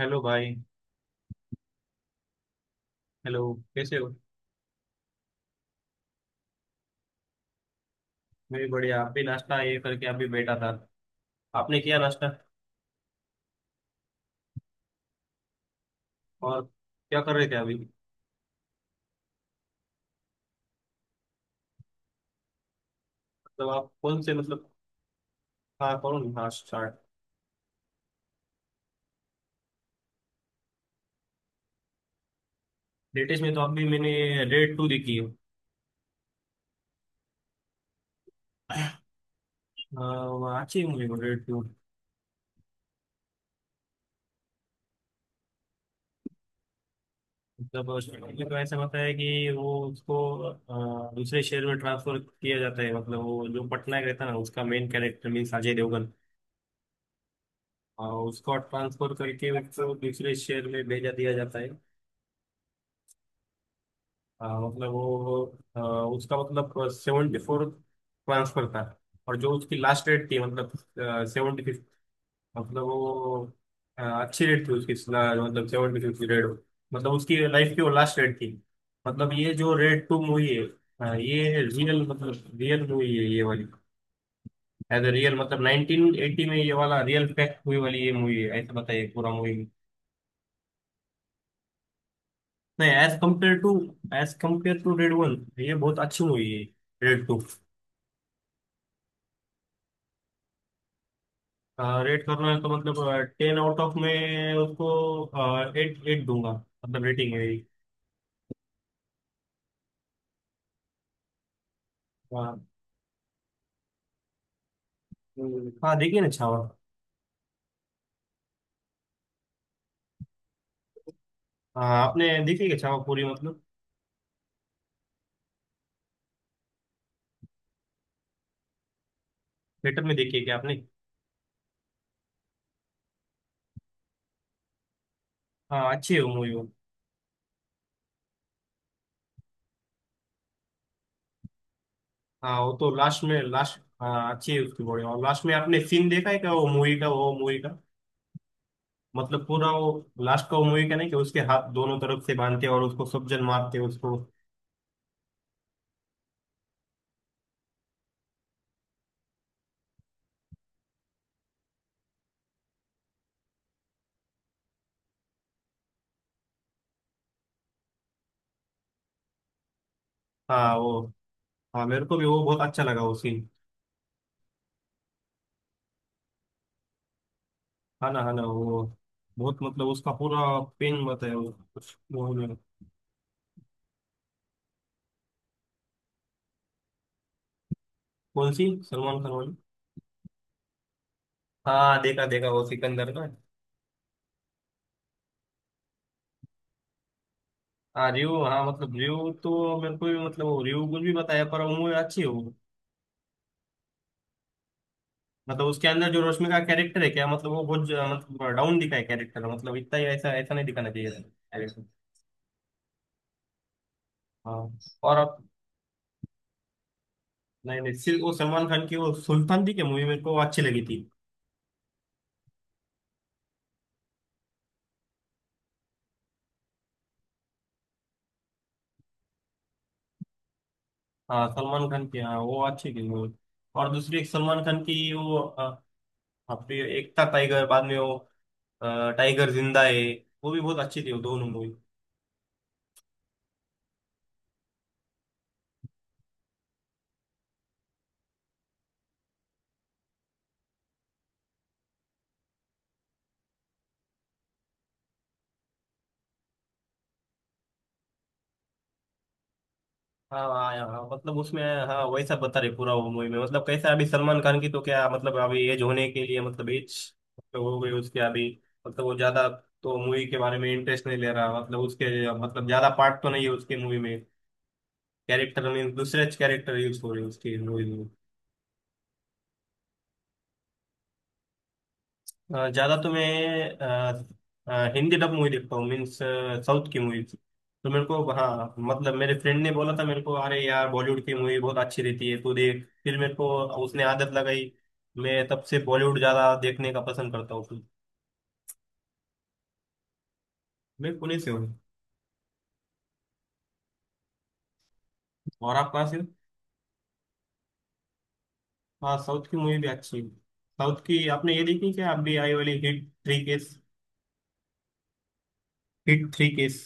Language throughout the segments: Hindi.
हेलो भाई। हेलो, कैसे हो? मैं भी बढ़िया, आप भी नाश्ता ये करके आप भी बैठा था। आपने किया नाश्ता? और क्या कर रहे थे अभी? मतलब आप कौन से मतलब। हाँ कौन? हाँ स्टार्ट। लेटेस्ट में तो अभी मैंने रेड टू देखी है। हाँ, वो अच्छी मूवी वो रेड टू। मतलब उसमें तो ऐसा होता है कि वो उसको दूसरे शहर में ट्रांसफर किया जाता है, मतलब वो जो पटनायक रहता है ना उसका main character means Ajay Devgan. अ, उसको ट्रांसफर करके उसको दूसरे शहर में भेजा दिया जाता है। हाँ मतलब वो उसका मतलब 74 ट्रांसफर था। और जो उसकी लास्ट रेट थी मतलब 75th। मतलब वो अच्छी रेट थी उसकी मतलब 75th रेट, मतलब उसकी लाइफ की वो लास्ट रेट थी। मतलब ये जो रेड टू मूवी है ये रियल मतलब रियल मूवी है ये वाली। एज ए रियल मतलब 1980 में ये वाला रियल फैक्ट हुई वाली ये मूवी है, ऐसा बताइए पूरा मूवी। नहीं as compare to, as compare to Raid one ये बहुत अच्छी मूवी है, रेड टू। रेट करना है तो मतलब 10 आउट ऑफ में उसको एट एट दूंगा, मतलब रेटिंग है मेरी। हाँ। हाँ, देखिए ना छावा। हाँ आपने देखी क्या छावा पूरी मतलब? थिएटर में देखी है क्या आपने? हाँ अच्छी है वो मूवी वो। हाँ वो तो लास्ट में लास्ट हाँ अच्छी है उसकी बॉडी, और लास्ट में आपने सीन देखा है क्या वो मूवी का वो मूवी का? मतलब पूरा वो लास्ट का वो मूवी का, नहीं कि उसके हाथ दोनों तरफ से बांधते और उसको सब जन मारते उसको। हाँ वो, हाँ मेरे को भी वो बहुत अच्छा लगा वो सीन। हाँ ना वो बहुत मतलब उसका पूरा पेन मत है वो कुछ वो नहीं। कौन सी सलमान खान वाली? हाँ देखा देखा वो सिकंदर ना। हाँ रिव्यू हाँ मतलब रिव्यू तो मेरे को भी मतलब वो रिव्यू कुछ भी बताया पर वो मूवी अच्छी है वो। मतलब उसके अंदर जो रश्मि का कैरेक्टर है क्या मतलब वो बहुत मतलब डाउन दिखा है कैरेक्टर, मतलब इतना ही ऐसा ऐसा नहीं दिखाना चाहिए था character। हाँ और अब नहीं, नहीं सिर्फ वो सलमान खान की वो सुल्तान थी क्या मूवी, मेरे को वो अच्छी लगी थी। हाँ सलमान खान की हाँ वो अच्छी थी मूवी। और दूसरी एक सलमान खान की वो हाँ, हाँ फिर एक था टाइगर बाद में वो टाइगर जिंदा है, वो भी बहुत अच्छी थी वो दोनों मूवी। हाँ हाँ हाँ, हाँ, मतलब उसमें हाँ वैसा बता रहे पूरा वो मूवी में मतलब कैसा अभी सलमान खान की तो क्या मतलब अभी एज होने के लिए मतलब एज तो हो गई उसके अभी। मतलब वो ज्यादा तो मूवी के बारे में इंटरेस्ट नहीं ले रहा, मतलब उसके मतलब ज्यादा पार्ट तो नहीं है उसके मूवी में। कैरेक्टर मीन दूसरे कैरेक्टर यूज हो रहे हैं उसकी मूवी में। ज्यादा तो मैं अ, हिंदी डब मूवी देखता हूँ मीन्स। साउथ की मूवी तो मेरे को हाँ मतलब मेरे फ्रेंड ने बोला था मेरे को, अरे यार बॉलीवुड की मूवी बहुत अच्छी रहती है तू देख, फिर मेरे को उसने आदत लगाई। मैं तब से बॉलीवुड ज्यादा देखने का पसंद करता हूँ फिर। मैं पुणे से हूँ। और आप कहाँ से हो? हाँ साउथ की मूवी भी अच्छी है। साउथ की आपने ये देखी क्या आप भी आई वाली HIT three case? HIT three case.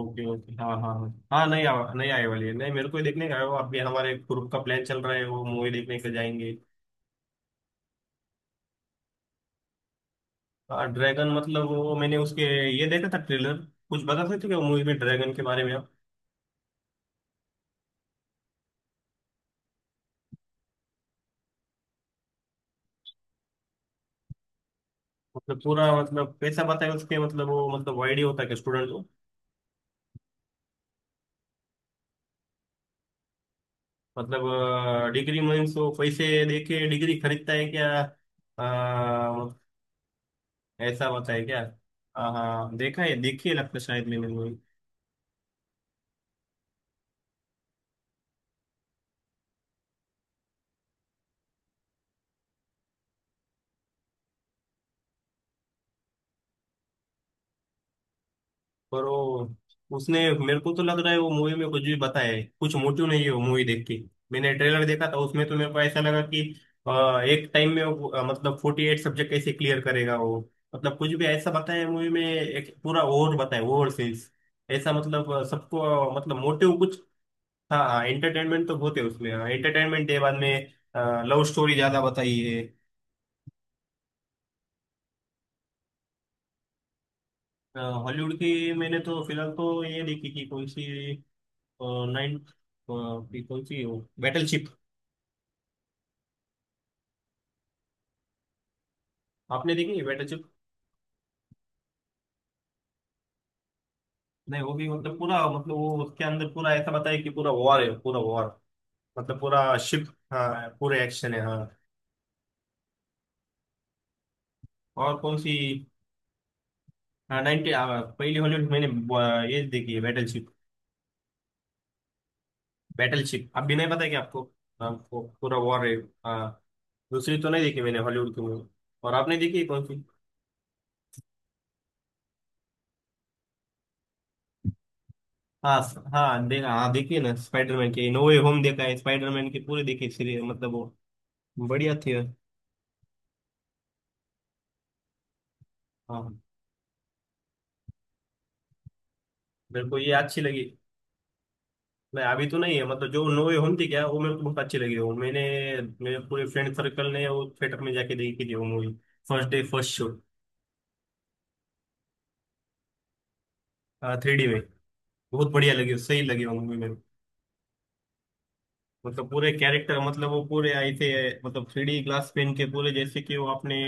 Okay okay, हाँ हाँ हाँ हाँ, नहीं नहीं आई वाली है, नहीं मेरे को ही देखने का है वो, अभी हमारे ग्रुप का प्लान चल रहा है वो मूवी देखने के लिए जाएंगे। हाँ ड्रैगन मतलब वो मैंने उसके ये देखा था ट्रेलर। कुछ बता सकते हो क्या मूवी में ड्रैगन के बारे में आप? मतलब पूरा मतलब पैसा बताया उसके मतलब वो मतलब वाइड ही होता है कि स्टूडेंट को। मतलब डिग्री मीन्स वो पैसे दे के डिग्री खरीदता है क्या? आ, ऐसा होता है क्या? हाँ हाँ, देखा है देखी है लगता है शायद मैंने। पर वो उसने, मेरे को तो लग रहा है वो मूवी में कुछ भी बताया, कुछ मोटिव नहीं है वो मूवी देख के। मैंने ट्रेलर देखा था उसमें तो मेरे को ऐसा लगा कि एक टाइम में वो, मतलब 48 सब्जेक्ट कैसे क्लियर करेगा वो? मतलब कुछ भी ऐसा बताया मूवी में, एक पूरा ओवर बताया ओवर सेल्स। ऐसा मतलब सबको मतलब मोटिव कुछ। हाँ एंटरटेनमेंट तो बहुत है उसमें, एंटरटेनमेंट है बाद में लव स्टोरी ज्यादा बताई है। हॉलीवुड की, मैंने तो फिलहाल तो ये देखी कि कौन सी नाइन पीपल की वो बैटलशिप। आपने देखी है बैटलशिप? नहीं वो भी मतलब पूरा मतलब वो उसके अंदर पूरा ऐसा बताया कि पूरा वॉर है पूरा वॉर, मतलब पूरा शिप। हाँ पूरे एक्शन है हाँ। और कौन सी? हाँ 90 पहली हॉलीवुड मैंने ये देखी है बैटलशिप। बैटलशिप, अब भी नहीं पता है कि आपको? आपको पूरा वॉर है। हाँ। दूसरी तो नहीं देखी मैंने हॉलीवुड की मूवी। और आपने देखी है कौन सी? हाँ हाँ देखा हाँ देखिए ना स्पाइडरमैन की नो वे होम देखा है, स्पाइडरमैन की पूरी देखी सीरीज मतलब वो। बढ़िया थी। हाँ मेरे को ये अच्छी लगी। मैं अभी तो नहीं है मतलब जो नोवे होम थी क्या वो मेरे को बहुत अच्छी लगी वो, मैंने, मेरे पूरे फ्रेंड सर्कल ने वो थिएटर में जाके देखी थी वो movie first day first show. Three D में। बहुत बढ़िया लगी सही लगी वो मूवी मेरे को। मतलब पूरे कैरेक्टर मतलब वो पूरे आए थे। मतलब थ्री डी ग्लास पेन के पूरे जैसे कि वो अपने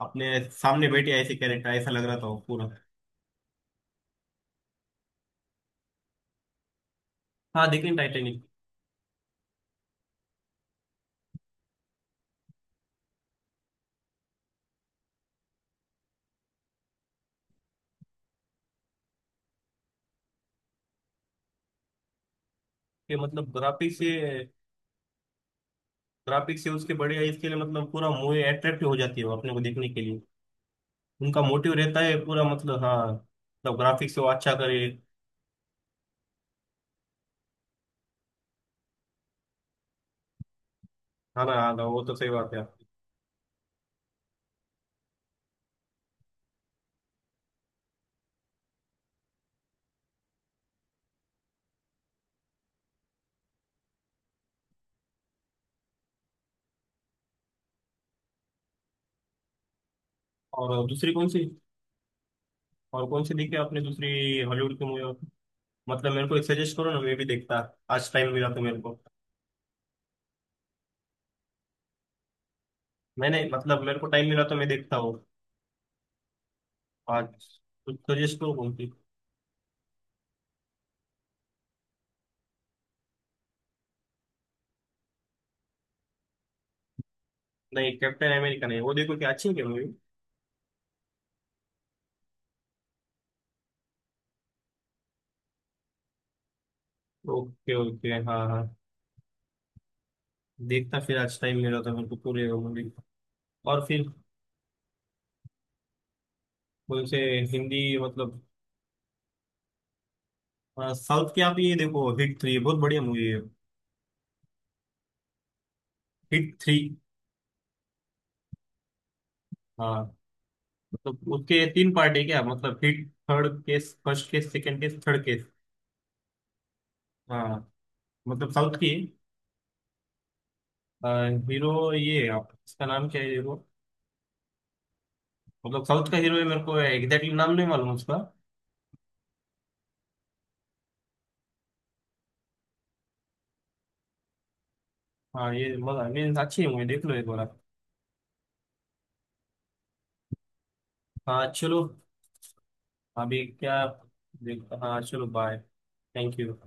अपने सामने बैठे ऐसे कैरेक्टर ऐसा लग रहा था वो पूरा। हाँ लेकिन टाइटेनिक के मतलब ग्राफिक्स से, ग्राफिक्स से उसके बढ़िया इसके लिए मतलब पूरा मूवी अट्रैक्टिव हो जाती है वो अपने को देखने के लिए। उनका मोटिव रहता है पूरा मतलब हाँ मतलब ग्राफिक्स वो अच्छा करे। है ना हाँ ना, वो तो सही बात है। और दूसरी कौन सी? और कौन सी देखी आपने दूसरी हॉलीवुड की मूवी? मतलब मेरे को एक सजेस्ट करो ना, मैं भी देखता आज टाइम मिला तो मेरे को। मैंने मतलब मेरे को टाइम मिला तो मैं देखता हूँ आज। कुछ सजेस्ट करो कौन सी। नहीं कैप्टन अमेरिका नहीं, वो देखो क्या अच्छी है क्या मूवी? ओके ओके हाँ हाँ, देखता फिर आज टाइम मिला तो मेरे को पूरे मूवी। और फिर कौन से हिंदी मतलब, साउथ की आप ये देखो हिट थ्री बहुत बढ़िया मूवी है। HIT three. हाँ। मतलब उसके तीन पार्ट है क्या, मतलब HIT third case first case second case third case. हाँ। मतलब साउथ की, हीरो ये है, आप इसका नाम क्या है हीरो। मतलब साउथ का हीरो है, मेरे को एग्जैक्टली नाम नहीं मालूम उसका। हाँ ये मजा मीन्स अच्छी है मुझे, देख लो एक बार आप। हाँ चलो। अभी क्या? देख हाँ चलो बाय। Thank you.